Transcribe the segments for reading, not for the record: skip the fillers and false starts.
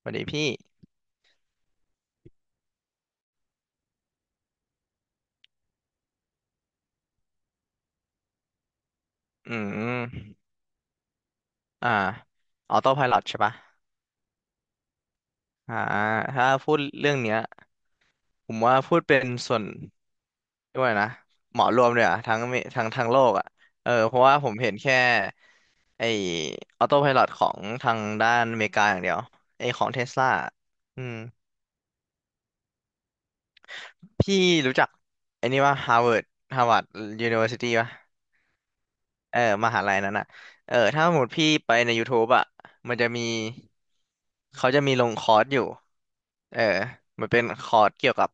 สวัสดีพี่อืมอ่าออโต้ไพลอตใช่ปะอ่าถ้าพูดเรื่องเนี้ยผมว่าพูดเป็นส่วนด้วยกว่านะเหมารวมเลยอะทั้งเมทั้งโลกอะเพราะว่าผมเห็นแค่ไอออโต้ไพลอตของทางด้านอเมริกาอย่างเดียวไอของเทสลาอืมพี่รู้จักไอนี่ว่าฮาร์วาร์ดฮาร์วาร์ดยูนิเวอร์ซิตี้ปะ เออมหาลัยนั้นอ่ะถ้าสมมติพี่ไปใน YouTube อ่ะมันจะมีเขาจะมีลงคอร์สอยู่เออมันเป็นคอร์สเกี่ยวกับ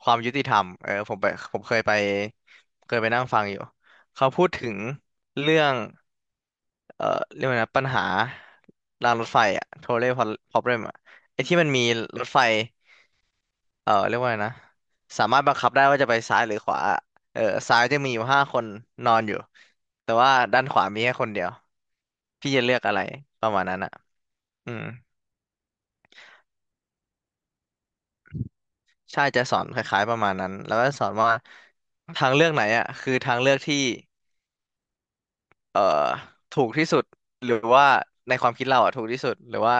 ความยุติธรรมผมเคยไปนั่งฟังอยู่ เขาพูดถึงเรื่องเออเรียกว่านะปัญหารางรถไฟอ่ะ trolley problem อ่ะไอที่มันมีรถไฟ เรียกว่าไงนะสามารถบังคับได้ว่าจะไปซ้ายหรือขวาเออซ้ายจะมีอยู่ห้าคนนอนอยู่แต่ว่าด้านขวามีแค่คนเดียวพี่จะเลือกอะไรประมาณนั้นอ่ะอืมใช่จะสอนคล้ายๆประมาณนั้นแล้วก็สอนว่าทางเลือกไหนอ่ะคือทางเลือกที่เอ่อถูกที่สุดหรือว่าในความคิดเราอ่ะถูกที่สุดหรือว่า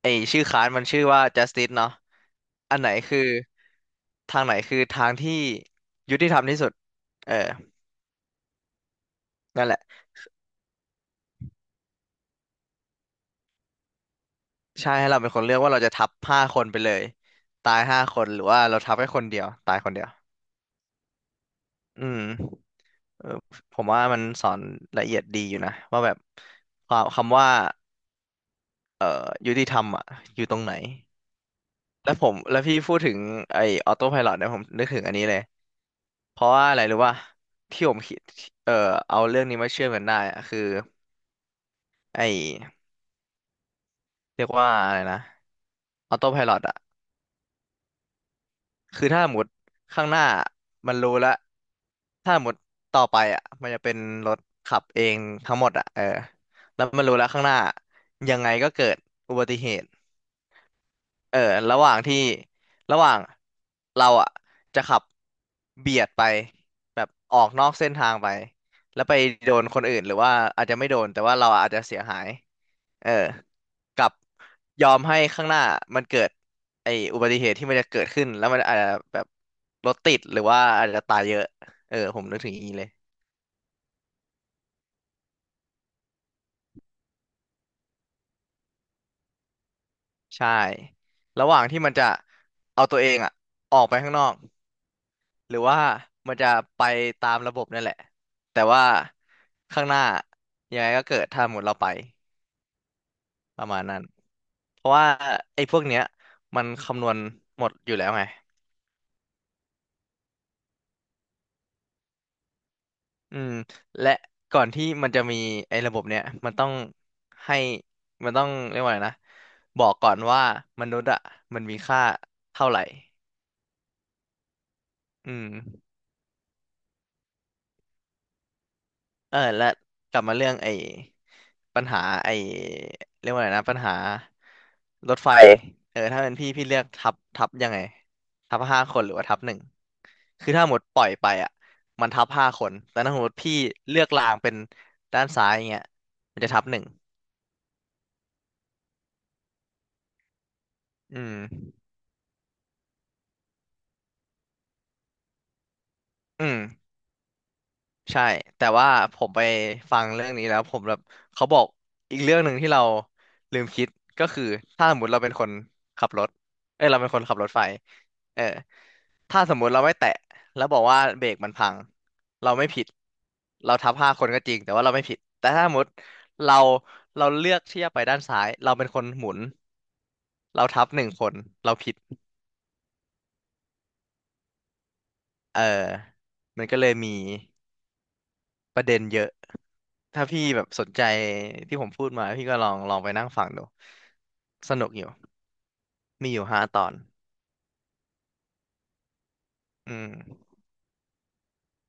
ไอชื่อคลาสมันชื่อว่า justice เนาะอันไหนคือทางไหนคือทางที่ยุติธรรมที่สุดเออนั่นแหละ ใช่ให้เราเป็นคนเลือกว่าเราจะทับห้าคนไปเลยตายห้าคนหรือว่าเราทับแค่คนเดียวตายคนเดียวอืมเออผมว่ามันสอนละเอียดดีอยู่นะว่าแบบความคำว่าเอ่อยุติธรรมอ่ะอยู่ตรงไหนแล้วผมแล้วพี่พูดถึงไอ้ออโต้ไพลอตเนี่ยผมนึกถึงอันนี้เลยเพราะว่าอะไรรู้ป่ะที่ผมคิดเอ่อเอาเรื่องนี้มาเชื่อมกันได้อะคือไอ้เรียกว่าอะไรนะออโต้ไพลอตอะ คือถ้าหมดข้างหน้ามันรู้แล้วถ้าหมดต่อไปอ่ะมันจะเป็นรถขับเองทั้งหมดอ่ะแล้วมันรู้แล้วข้างหน้ายังไงก็เกิดอุบัติเหตุ เออ ระหว่างที่ระหว่างเราอ่ะจะขับเบียดไปแบบออกนอกเส้นทางไปแล้วไปโดนคนอื่นหรือว่าอาจจะไม่โดนแต่ว่าเราอาจจะเสียหายเออกับยอมให้ข้างหน้ามันเกิดไอ้อุบัติเหตุที่มันจะเกิดขึ้นแล้วมันอาจจะแบบรถติดหรือว่าอาจจะตายเยอะผมนึกถึงอย่างนี้เลยใช่ระหว่างที่มันจะเอาตัวเองอ่ะออกไปข้างนอก หรือว่ามันจะไปตามระบบนั่นแหละแต่ว่าข้างหน้ายังไงก็เกิดถ้าหมดเราไปประมาณนั้นเพราะว่าไอ้พวกเนี้ยมันคำนวณหมดอยู่แล้วไงอืมและก่อนที่มันจะมีไอ้ระบบเนี้ยมันต้องให้มันต้องเรียกว่าไงนะบอกก่อนว่ามนุษย์อ่ะมันมีค่าเท่าไหร่อืม และกลับมาเรื่องไอ้ปัญหาไอ้เรียกว่าอะไรนะปัญหารถไฟถ้าเป็นพี่พี่เลือกทับยังไงทับห้าคนหรือว่าทับหนึ่งคือถ้าหมดปล่อยไปอ่ะมันทับห้าคนแต่ถ้าสมมติพี่เลือกรางเป็นด้านซ้ายอย่างเงี้ยมันจะทับหนึ่งอืมอืม ใช่แต่ว่าผมไปฟังเรื่องนี้แล้วผมแบบเขาบอกอีกเรื่องหนึ่งที่เราลืมคิดก็คือถ้าสมมติเราเป็นคนขับรถเอ้ยเราเป็นคนขับรถไฟเออถ้าสมมุติเราไม่แตะแล้วบอกว่าเบรกมันพังเราไม่ผิดเราทับห้าคนก็จริงแต่ว่าเราไม่ผิดแต่ถ้าสมมติเราเราเลือกที่จะไปด้านซ้ายเราเป็นคนหมุนเราทับหนึ่งคนเราผิดเออมันก็เลยมีประเด็นเยอะ ถ้าพี่แบบสนใจที่ผมพูดมาพี่ก็ลองไปนั่งฟังดูสนุกอยู่มีอยู่ห้าตอนอืม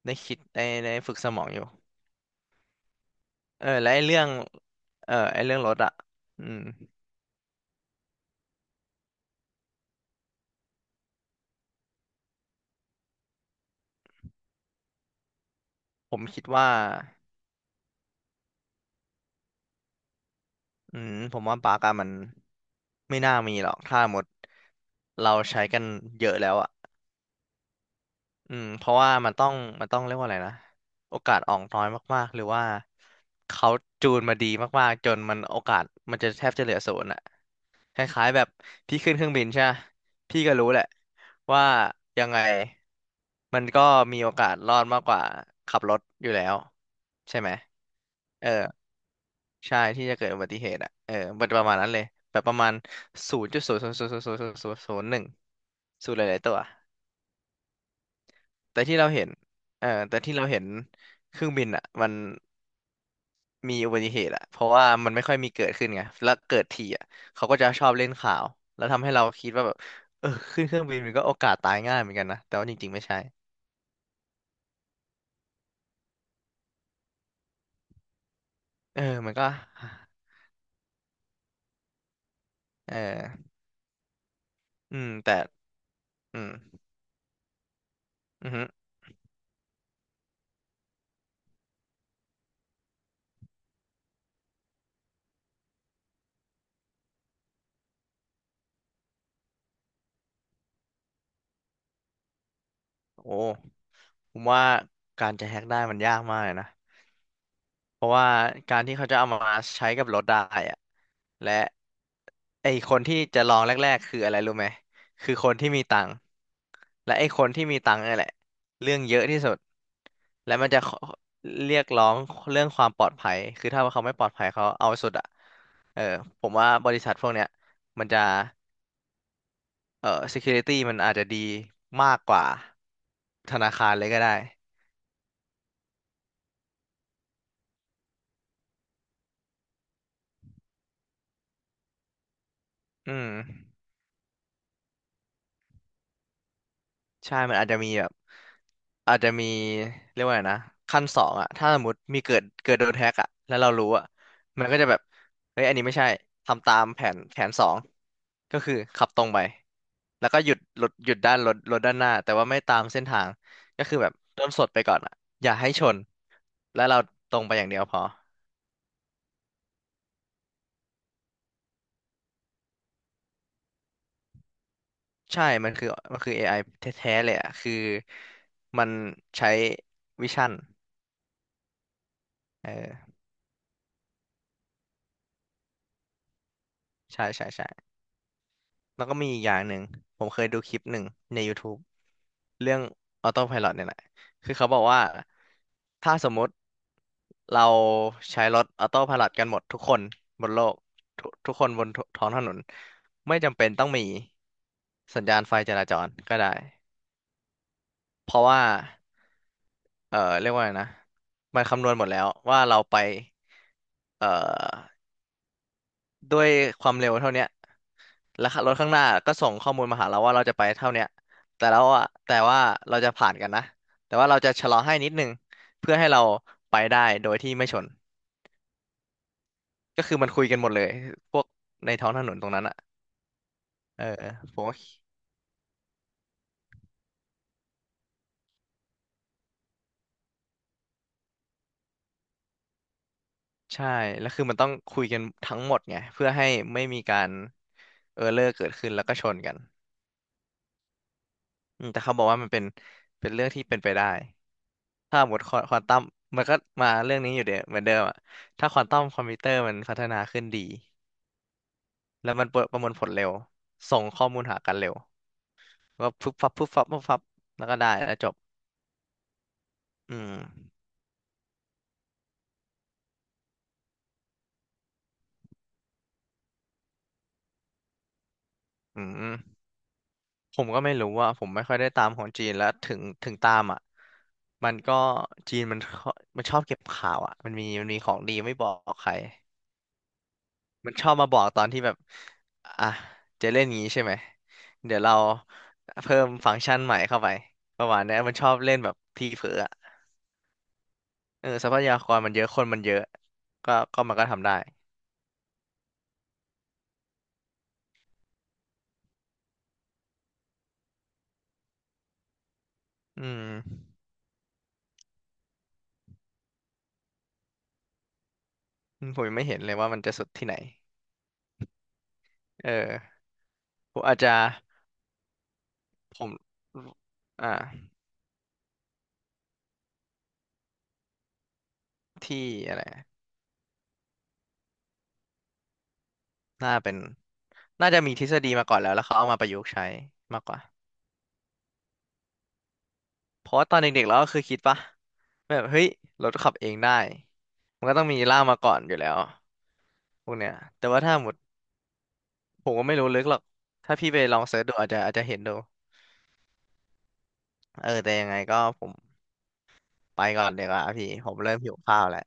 ได้คิดได้ฝึกสมองอยู่เออและไอ้เรื่องเออไอ้เรื่องรถอ่ะอืมผมคิดว่าผมว่าปาร์กอะมันไม่น่ามีหรอกถ้าหมดเราใช้กันเยอะแล้วอ่ะ เพราะว่ามันต้องเรียกว่าอะไรนะโอกาสออกน้อยมากๆหรือว่าเขาจูนมาดีมากๆจนมันโอกาสมันจะแทบจะเหลือศูนย์อะคล้ายๆแบบพี่ขึ้นเครื่องบินใช่ปะพี่ก็รู้แหละว่ายังไงมันก็มีโอกาสรอดมากกว่าขับรถอยู่แล้วใช่ไหมเออใช่ที่จะเกิดอุบัติเหตุอ่ะมันประมาณนั้นเลยแบบประมาณ0.0000001ศูนย์หลายๆตัว แต่ที่เราเห็นแต่ที่เราเห็นเครื่องบินอ่ะมันมีอุบัติเหตุอ่ะเพราะว่ามันไม่ค่อยมีเกิดขึ้นไงแล้วเกิดทีอ่ะเขาก็จะชอบเล่นข่าวแล้วทำให้เราคิดว่าแบบเออขึ้นเครื่องบินมันก็โอกาสตายง่ายเหมือนกันนะแต่ว่าจริงๆไม่ใช่เออมันก็เอออืมแต่อืมอือฮึโอ้ผมว่าการจะแฮ็กได้มันยากมากเลยนะ เพราะว่าการที่เขาจะเอามาใช้กับรถได้อะและไอคนที่จะลองแรกๆคืออะไรรู้ไหมคือคนที่มีตังค์และไอคนที่มีตังค์นี่แหละเรื่องเยอะที่สุดและมันจะขอเรียกร้องเรื่องความปลอดภัยคือถ้าว่าเขาไม่ปลอดภัยเขาเอาสุดอ่ะเออผมว่าบริษัทพวกเนี้ยมันจะsecurity มันอาจจะดีมากกว่าธนาคารเลยก็ได้อืม ใช่มันอาจจะมีแบบอาจจะมีเรียกว่าไงนะขั้นสองอะถ้าสมมติมีเกิดโดนแฮ็กอะแล้วเรารู้อะมันก็จะแบบเฮ้ยอันนี้ไม่ใช่ทำตามแผนสองก็คือขับตรงไปแล้วก็หยุดรถหยุดด้านรถด้านหน้าแต่ว่าไม่ตามเส้นทางก็คือแบบเริ่มสดไปก่อนอะอย่าให้ชนแล้วเราตรงไปอย่างเดียวพอใช่มันคือ AI แท้ๆเลยอะคือมันใช้วิชั่นเออใช่ใช่ใช่ แล้วก็มีอีกอย่างหนึ่งผมเคยดูคลิปหนึ่งใน YouTube เรื่อง Autopilot เนี่ยแหละคือเขาบอกว่าถ้าสมมุติเราใช้รถ Autopilot กันหมดทุกคนบนโลกทุกคนบนทท้องถนนไม่จำเป็นต้องมีสัญญาณไฟจราจรก็ได้เพราะว่าเรียกว่าไงนะมันคำนวณหมดแล้วว่าเราไปเอ่อ ด้วยความเร็วเท่าเนี้ยแล้วรถข้างหน้าก็ส่งข้อมูลมาหาเราว่าเราจะไปเท่าเนี้ยแต่เราอะแต่ว่าเราจะผ่านกันนะแต่ว่าเราจะชะลอให้นิดนึงเพื่อให้เราไปได้โดยที่ไม่ชนก็คือมันคุยกันหมดเลยพวกในท้องถนนตรงนั้นอะเออผมว่าใช่แล้วคือมันต้องคุยกันทั้งหมดไงเพื่อให้ไม่มีการเออเลอร์เกิดขึ้นแล้วก็ชนกันอืมแต่เขาบอกว่ามันเป็นเป็นเรื่องที่เป็นไปได้ ถ้าหมดควาควอนตัมมันก็มาเรื่องนี้อยู่เดียวเหมือนเดิมอะถ้าควอนตัมคอมพิวเตอร์มันพัฒนาขึ้นดีแล้วมันประประมวลผลเร็วส่งข้อมูลหากันเร็วก็พึบฟับพึบฟับปุ๊บฟับแล้วก็ได้แล้วจบอืมอืมผมก็ไม่รู้ว่าผมไม่ค่อยได้ตามของจีนแล้วถึงตามอ่ะมันก็จีนมันชอบเก็บข่าวอ่ะมันมีของดีไม่บอกใคร มันชอบมาบอกตอนที่แบบอ่ะจะเล่นงี้ใช่ไหมเดี๋ยวเราเพิ่มฟังก์ชันใหม่เข้าไปประมาณเนี้ยมันชอบเล่นแบบทีเผลออะเออทรัพยากรมันเยอะคนมันเยอะก็มันก็ทำได้อืมอืมผมยังไม่เห็นเลยว่ามันจะสุดที่ไหนเออผมอาจจะผมอ่าที่อะไรน่าเป็นน่าจะมีทฤษฎีมาก่อนแล้วเขาเอามาประยุกต์ใช้มากกว่า เพราะว่าตอนเด็กๆเราก็คือคิดปะแบบเฮ้ยรถขับเองได้มันก็ต้องมีล่ามมาก่อนอยู่แล้วพวกเนี้ยแต่ว่าถ้าหมดผมก็ไม่รู้ลึกหรอกถ้าพี่ไปลองเสิร์ชดูอาจจะเห็นดูเออแต่ยังไงก็ผมไปก่อนเดี๋ยวาพี่ผมเริ่มหิวข้าวแล้ว